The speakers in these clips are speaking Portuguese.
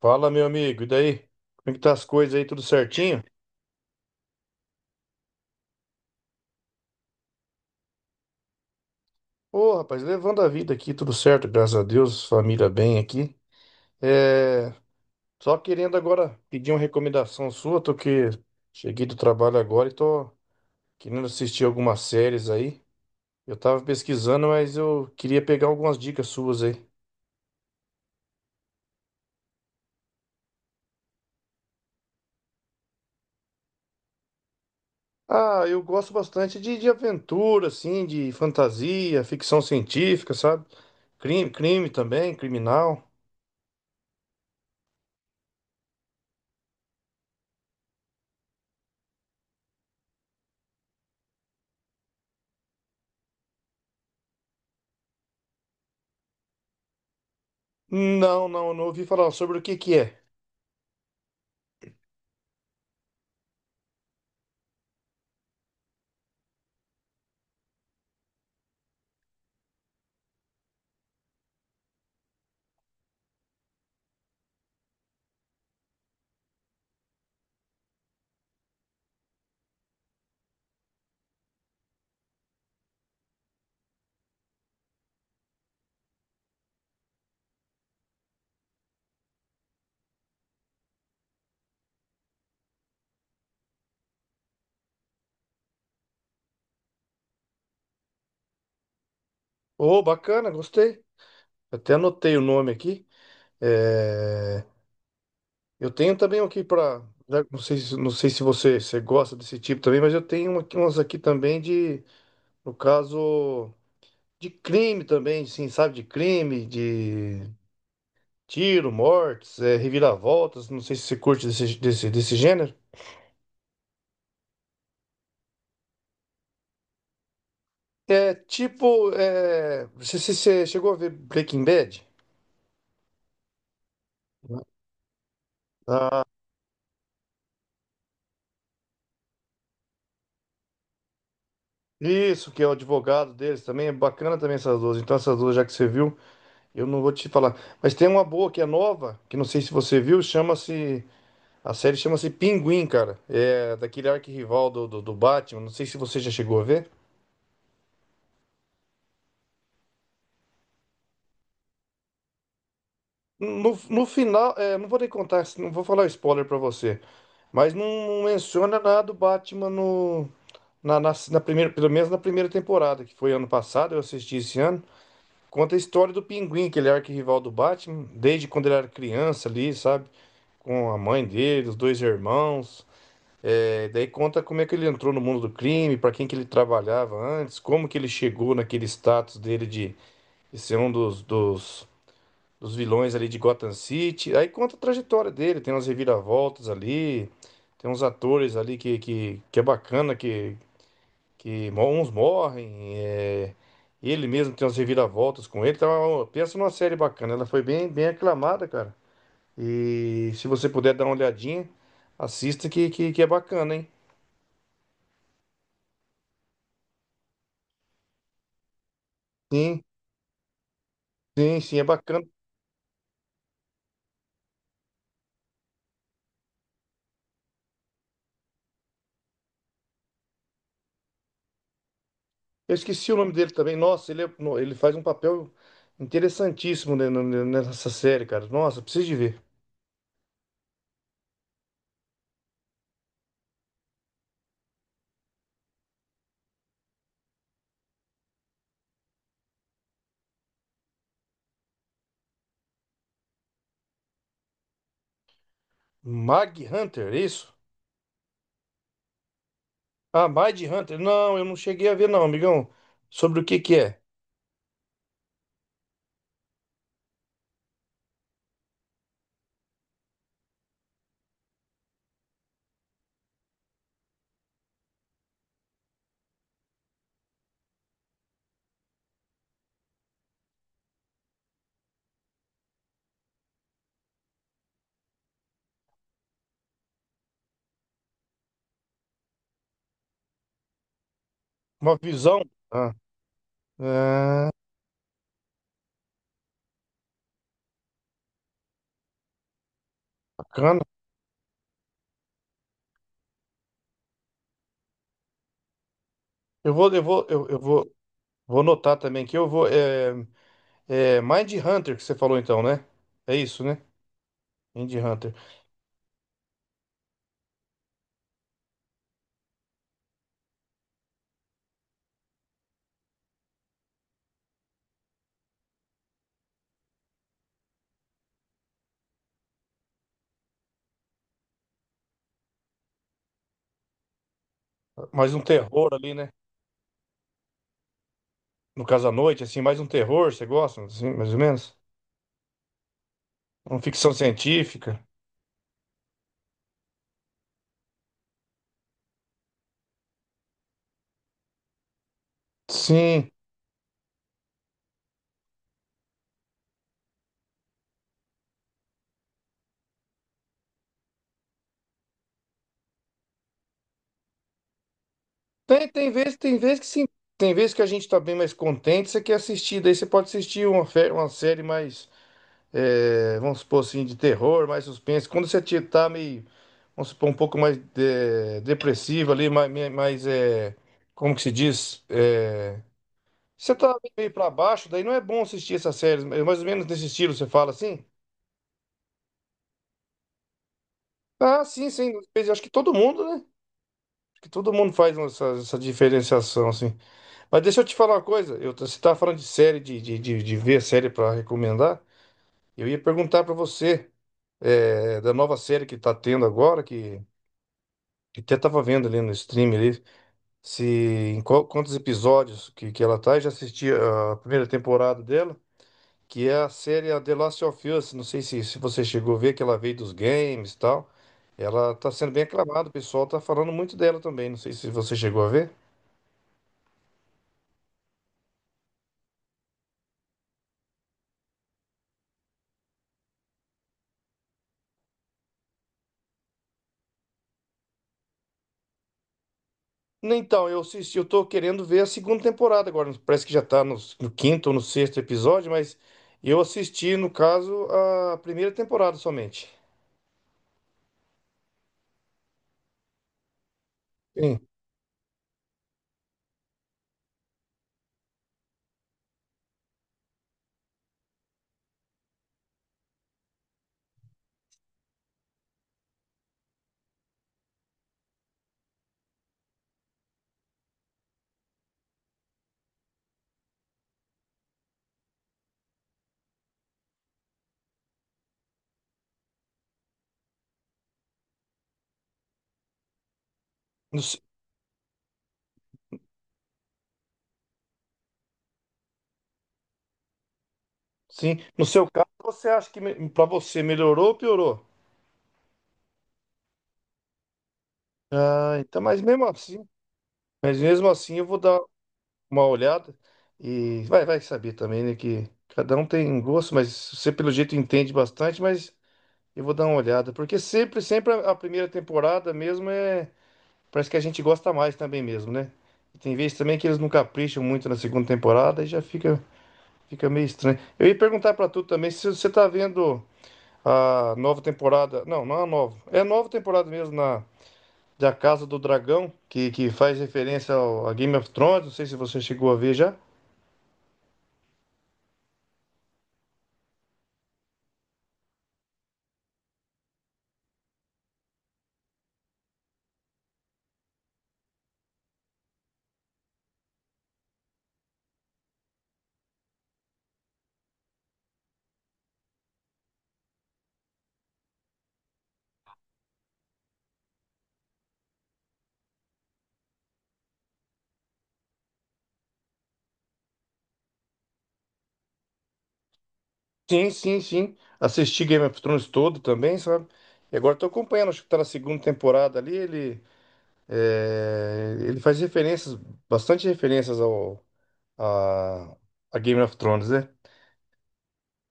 Fala, meu amigo, e daí? Como é que tá as coisas aí, tudo certinho? Ô, rapaz, levando a vida aqui, tudo certo, graças a Deus, família bem aqui. É, só querendo agora pedir uma recomendação sua, tô que cheguei do trabalho agora e tô querendo assistir algumas séries aí. Eu tava pesquisando, mas eu queria pegar algumas dicas suas aí. Ah, eu gosto bastante de aventura, assim, de fantasia, ficção científica, sabe? Crime, crime também, criminal. Não, não, eu não ouvi falar sobre o que que é. Ô, bacana, gostei. Até anotei o nome aqui. É, Eu tenho também um aqui para. Não sei, não sei se você gosta desse tipo também, mas eu tenho um umas aqui também de, no caso, de crime também, assim, sabe? De crime, de tiro, mortes, é, reviravoltas. Não sei se você curte desse gênero. É tipo. É... você chegou a ver Breaking Bad? Isso, que é o advogado deles também. É bacana também essas duas. Então, essas duas, já que você viu. Eu não vou te falar. Mas tem uma boa que é nova, que não sei se você viu, chama-se. A série chama-se Pinguim, cara. É daquele arquirrival do Batman. Não sei se você já chegou a ver. No, no final, é, não vou nem contar, não vou falar spoiler pra você. Mas não menciona nada do Batman no, na, na, na primeira, pelo menos na primeira temporada, que foi ano passado, eu assisti esse ano. Conta a história do Pinguim, que ele é arquirrival do Batman, desde quando ele era criança ali, sabe? Com a mãe dele, os dois irmãos. É, daí conta como é que ele entrou no mundo do crime, para quem que ele trabalhava antes, como que ele chegou naquele status dele de ser um dos vilões ali de Gotham City. Aí conta a trajetória dele, tem umas reviravoltas ali, tem uns atores ali que é bacana, uns morrem, é, ele mesmo tem umas reviravoltas com ele. Então, é pensa numa série bacana, ela foi bem, bem aclamada, cara. E se você puder dar uma olhadinha, assista que é bacana, hein? Sim. Sim, sim, é bacana. Eu esqueci o nome dele também. Nossa, ele, ele faz um papel interessantíssimo nessa série, cara. Nossa, preciso de ver. Mag Hunter, é isso? Ah, Mind Hunter. Não, eu não cheguei a ver, não, amigão. Sobre o que que é? Uma visão? Ah, ah, bacana. Eu vou, eu vou, eu vou, vou anotar também que eu vou. É Mind Hunter que você falou então, né? É isso, né? Mind Hunter. Mais um terror ali, né? No caso à noite, assim, mais um terror, você gosta, assim, mais ou menos? Uma ficção científica? Sim. Tem vezes que sim. Tem vezes que a gente tá bem mais contente, você quer assistir. Daí você pode assistir uma, uma série mais, é, vamos supor assim, de terror, mais suspense. Quando você tá meio, vamos supor, um pouco mais depressivo ali, mais, é, como que se diz? É, você tá meio pra baixo, daí não é bom assistir essas séries. É mais ou menos nesse estilo, você fala assim? Ah, sim, sim. Eu acho que todo mundo, né? Acho que todo mundo faz essa diferenciação, assim. Mas deixa eu te falar uma coisa. Eu, você estava falando de série, de ver série para recomendar. Eu ia perguntar para você é, da nova série que tá tendo agora, que até estava vendo ali no stream ali, se em quantos episódios que ela tá. Eu já assisti a primeira temporada dela, que é a série a The Last of Us. Não sei se, se você chegou a ver que ela veio dos games e tal. Ela tá sendo bem aclamada, o pessoal tá falando muito dela também. Não sei se você chegou a ver. Então, eu assisti, eu tô querendo ver a segunda temporada agora. Parece que já tá no quinto ou no sexto episódio, mas eu assisti, no caso, a primeira temporada somente. Sim. No, sim. No seu caso, você acha que pra você melhorou ou piorou? Ah, então, mas mesmo assim eu vou dar uma olhada e vai, vai saber também, né, que cada um tem gosto, mas você pelo jeito entende bastante, mas eu vou dar uma olhada, porque sempre a primeira temporada mesmo parece que a gente gosta mais também mesmo, né? E tem vezes também que eles não capricham muito na segunda temporada e já fica, fica meio estranho. Eu ia perguntar pra tu também se você tá vendo a nova temporada. Não, não é a nova. É a nova temporada mesmo na da Casa do Dragão, que faz referência a Game of Thrones. Não sei se você chegou a ver já. Sim, sim, sim. Assisti Game of Thrones todo também, sabe? E agora tô acompanhando, acho que tá na segunda temporada ali. Ele, é, ele faz referências, bastante referências ao a, a Game of Thrones, né?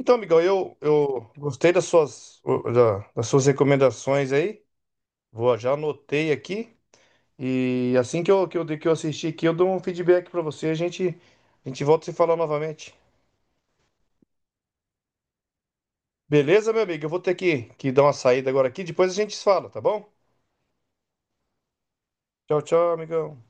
Então, amigão, eu gostei das suas, das suas recomendações aí. Vou, já anotei aqui. E assim que que eu assistir aqui, eu dou um feedback pra você. A gente volta a se falar novamente. Beleza, meu amigo? Eu vou ter que dar uma saída agora aqui. Depois a gente se fala, tá bom? Tchau, tchau, amigão.